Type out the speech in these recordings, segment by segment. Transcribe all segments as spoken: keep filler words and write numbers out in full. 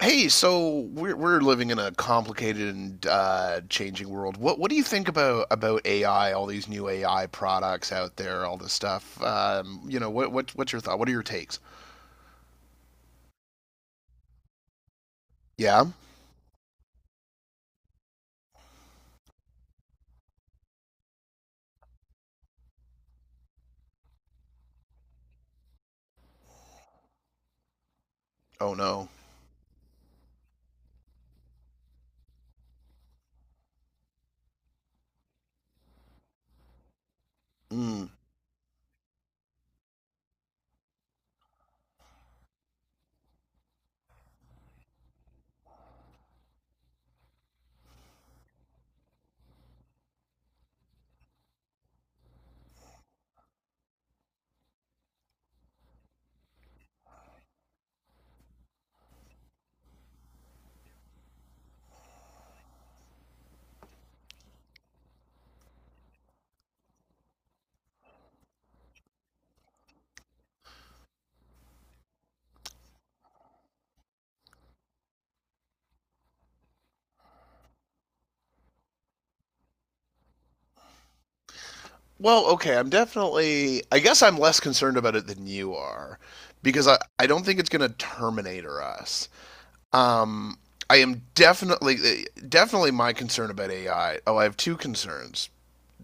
Hey, so we're we're living in a complicated and uh, changing world. What what do you think about about A I? All these new A I products out there, all this stuff. Um, you know, what what what's your thought? What are your takes? Yeah. Oh no. Mm. Well, okay. I'm definitely. I guess I'm less concerned about it than you are, because I I don't think it's going to Terminator us. Um, I am definitely eh, definitely my concern about A I. Oh, I have two concerns.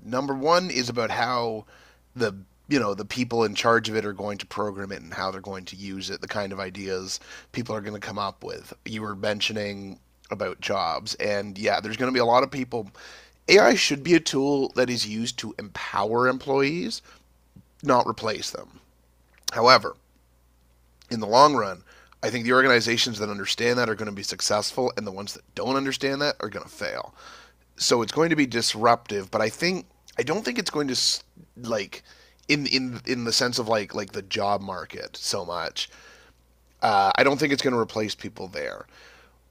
Number one is about how the you know the people in charge of it are going to program it and how they're going to use it, the kind of ideas people are going to come up with. You were mentioning about jobs, and yeah, there's going to be a lot of people. A I should be a tool that is used to empower employees, not replace them. However, in the long run, I think the organizations that understand that are going to be successful, and the ones that don't understand that are going to fail, so it's going to be disruptive, but I think I don't think it's going to, like, in in in the sense of like like the job market so much. Uh, I don't think it's going to replace people there.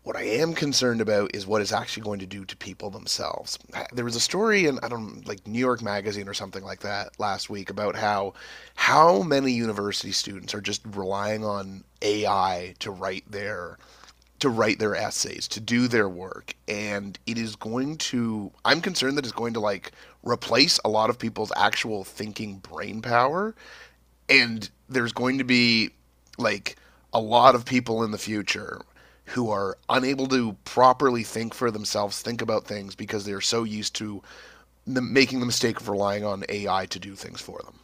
What I am concerned about is what it's actually going to do to people themselves. There was a story in, I don't, like, New York Magazine or something like that last week about how how many university students are just relying on A I to write their to write their essays, to do their work, and it is going to, I'm concerned that it's going to, like, replace a lot of people's actual thinking brain power and there's going to be, like, a lot of people in the future who are unable to properly think for themselves, think about things because they're so used to the, making the mistake of relying on A I to do things for them.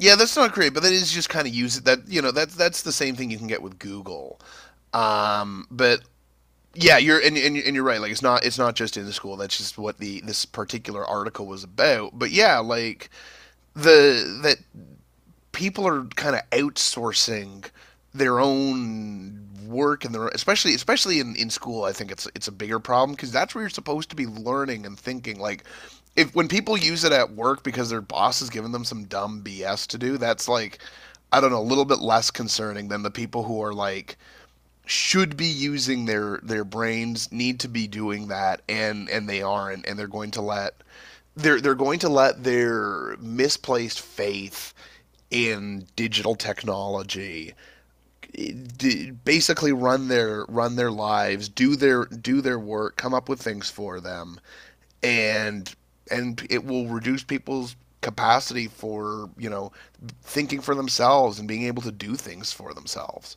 Yeah, that's not great, but that is just kind of use it. That, you know, that's that's the same thing you can get with Google. Um, but yeah, you're, and, and and you're right. Like, it's not it's not just in the school. That's just what the this particular article was about. But yeah, like the that people are kind of outsourcing their own work and their especially especially in, in school, I think it's it's a bigger problem because that's where you're supposed to be learning and thinking, like if when people use it at work because their boss has given them some dumb B S to do, that's like I don't know a little bit less concerning than the people who are, like, should be using their their brains, need to be doing that, and and they aren't, and they're going to let they're they're going to let their misplaced faith in digital technology basically run their run their lives, do their do their work, come up with things for them, and and it will reduce people's capacity for, you know, thinking for themselves and being able to do things for themselves.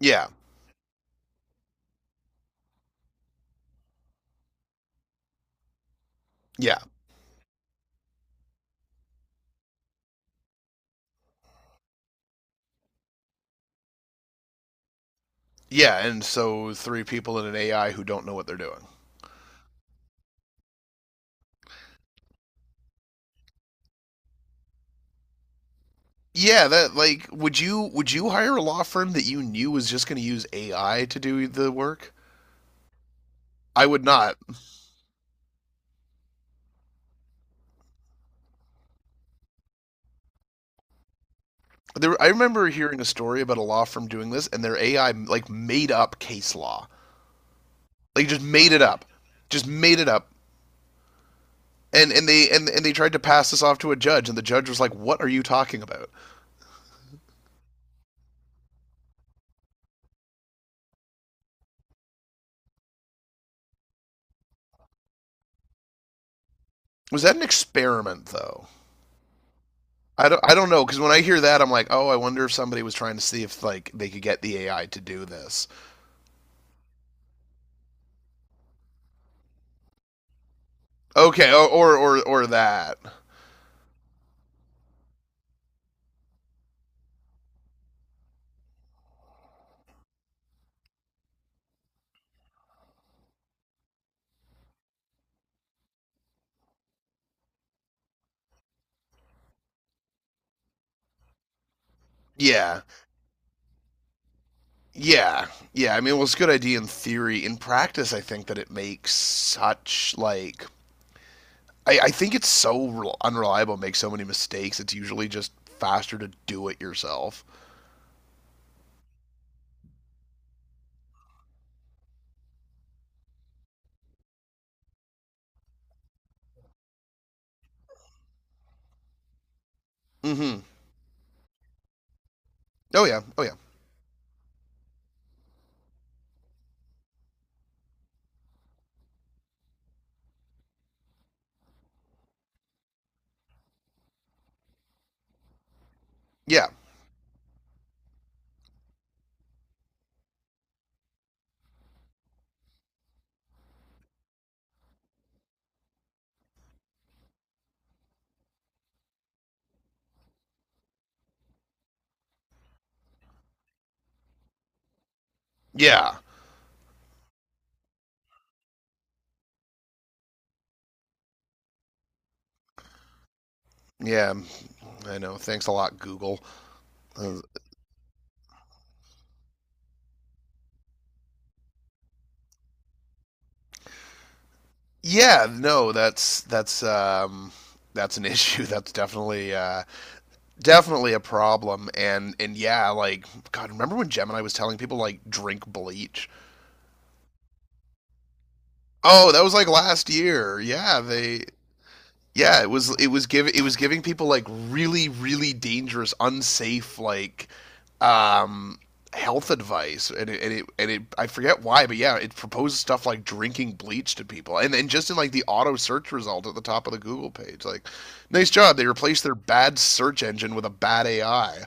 Yeah yeah Yeah, and so three people in an A I who don't know what they're doing. Yeah, that, like, would you would you hire a law firm that you knew was just going to use A I to do the work? I would not. There, I remember hearing a story about a law firm doing this, and their A I like made up case law, like just made it up, just made it up, and and they and and they tried to pass this off to a judge, and the judge was like, "What are you talking about?" Was that an experiment though? I don't I don't know because when I hear that, I'm like, "Oh, I wonder if somebody was trying to see if like they could get the A I to do this." Okay, or or or, that. Yeah. Yeah. Yeah, I mean, well, it's a good idea in theory. In practice, I think that it makes such like I, I think it's so re- unreliable, makes so many mistakes. It's usually just faster to do it yourself. Mm-hmm. Oh yeah. Oh yeah. Yeah. Yeah. Yeah. I know. Thanks a lot, Google. Uh, yeah. No, that's that's um that's an issue. That's definitely uh definitely a problem and and yeah like god remember when Gemini was telling people like drink bleach. Oh, that was like last year. Yeah, they, yeah, it was it was give it was giving people like really really dangerous unsafe like um health advice, and it, and it and it I forget why but yeah it proposes stuff like drinking bleach to people and and just in like the auto search result at the top of the Google page like nice job, they replaced their bad search engine with a bad AI.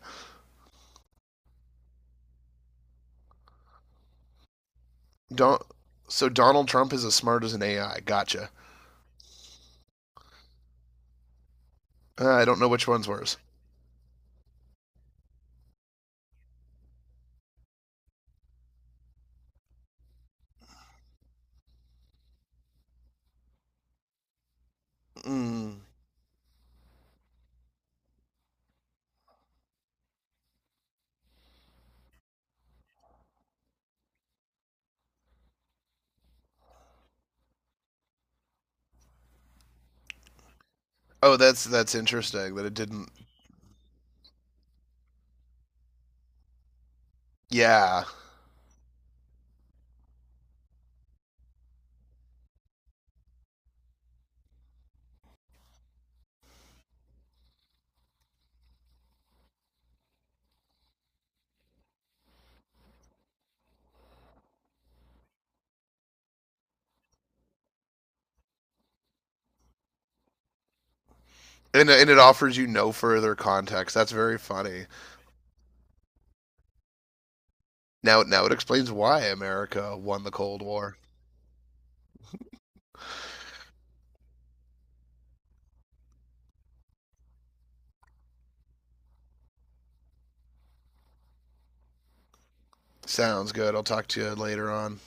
Don- so Donald Trump is as smart as an A I. Gotcha. Uh, I don't know which one's worse. Mm. Oh, that's that's interesting that it didn't. Yeah, and and it offers you no further context. That's very funny. Now now it explains why America won the Cold War. Sounds good. I'll talk to you later on.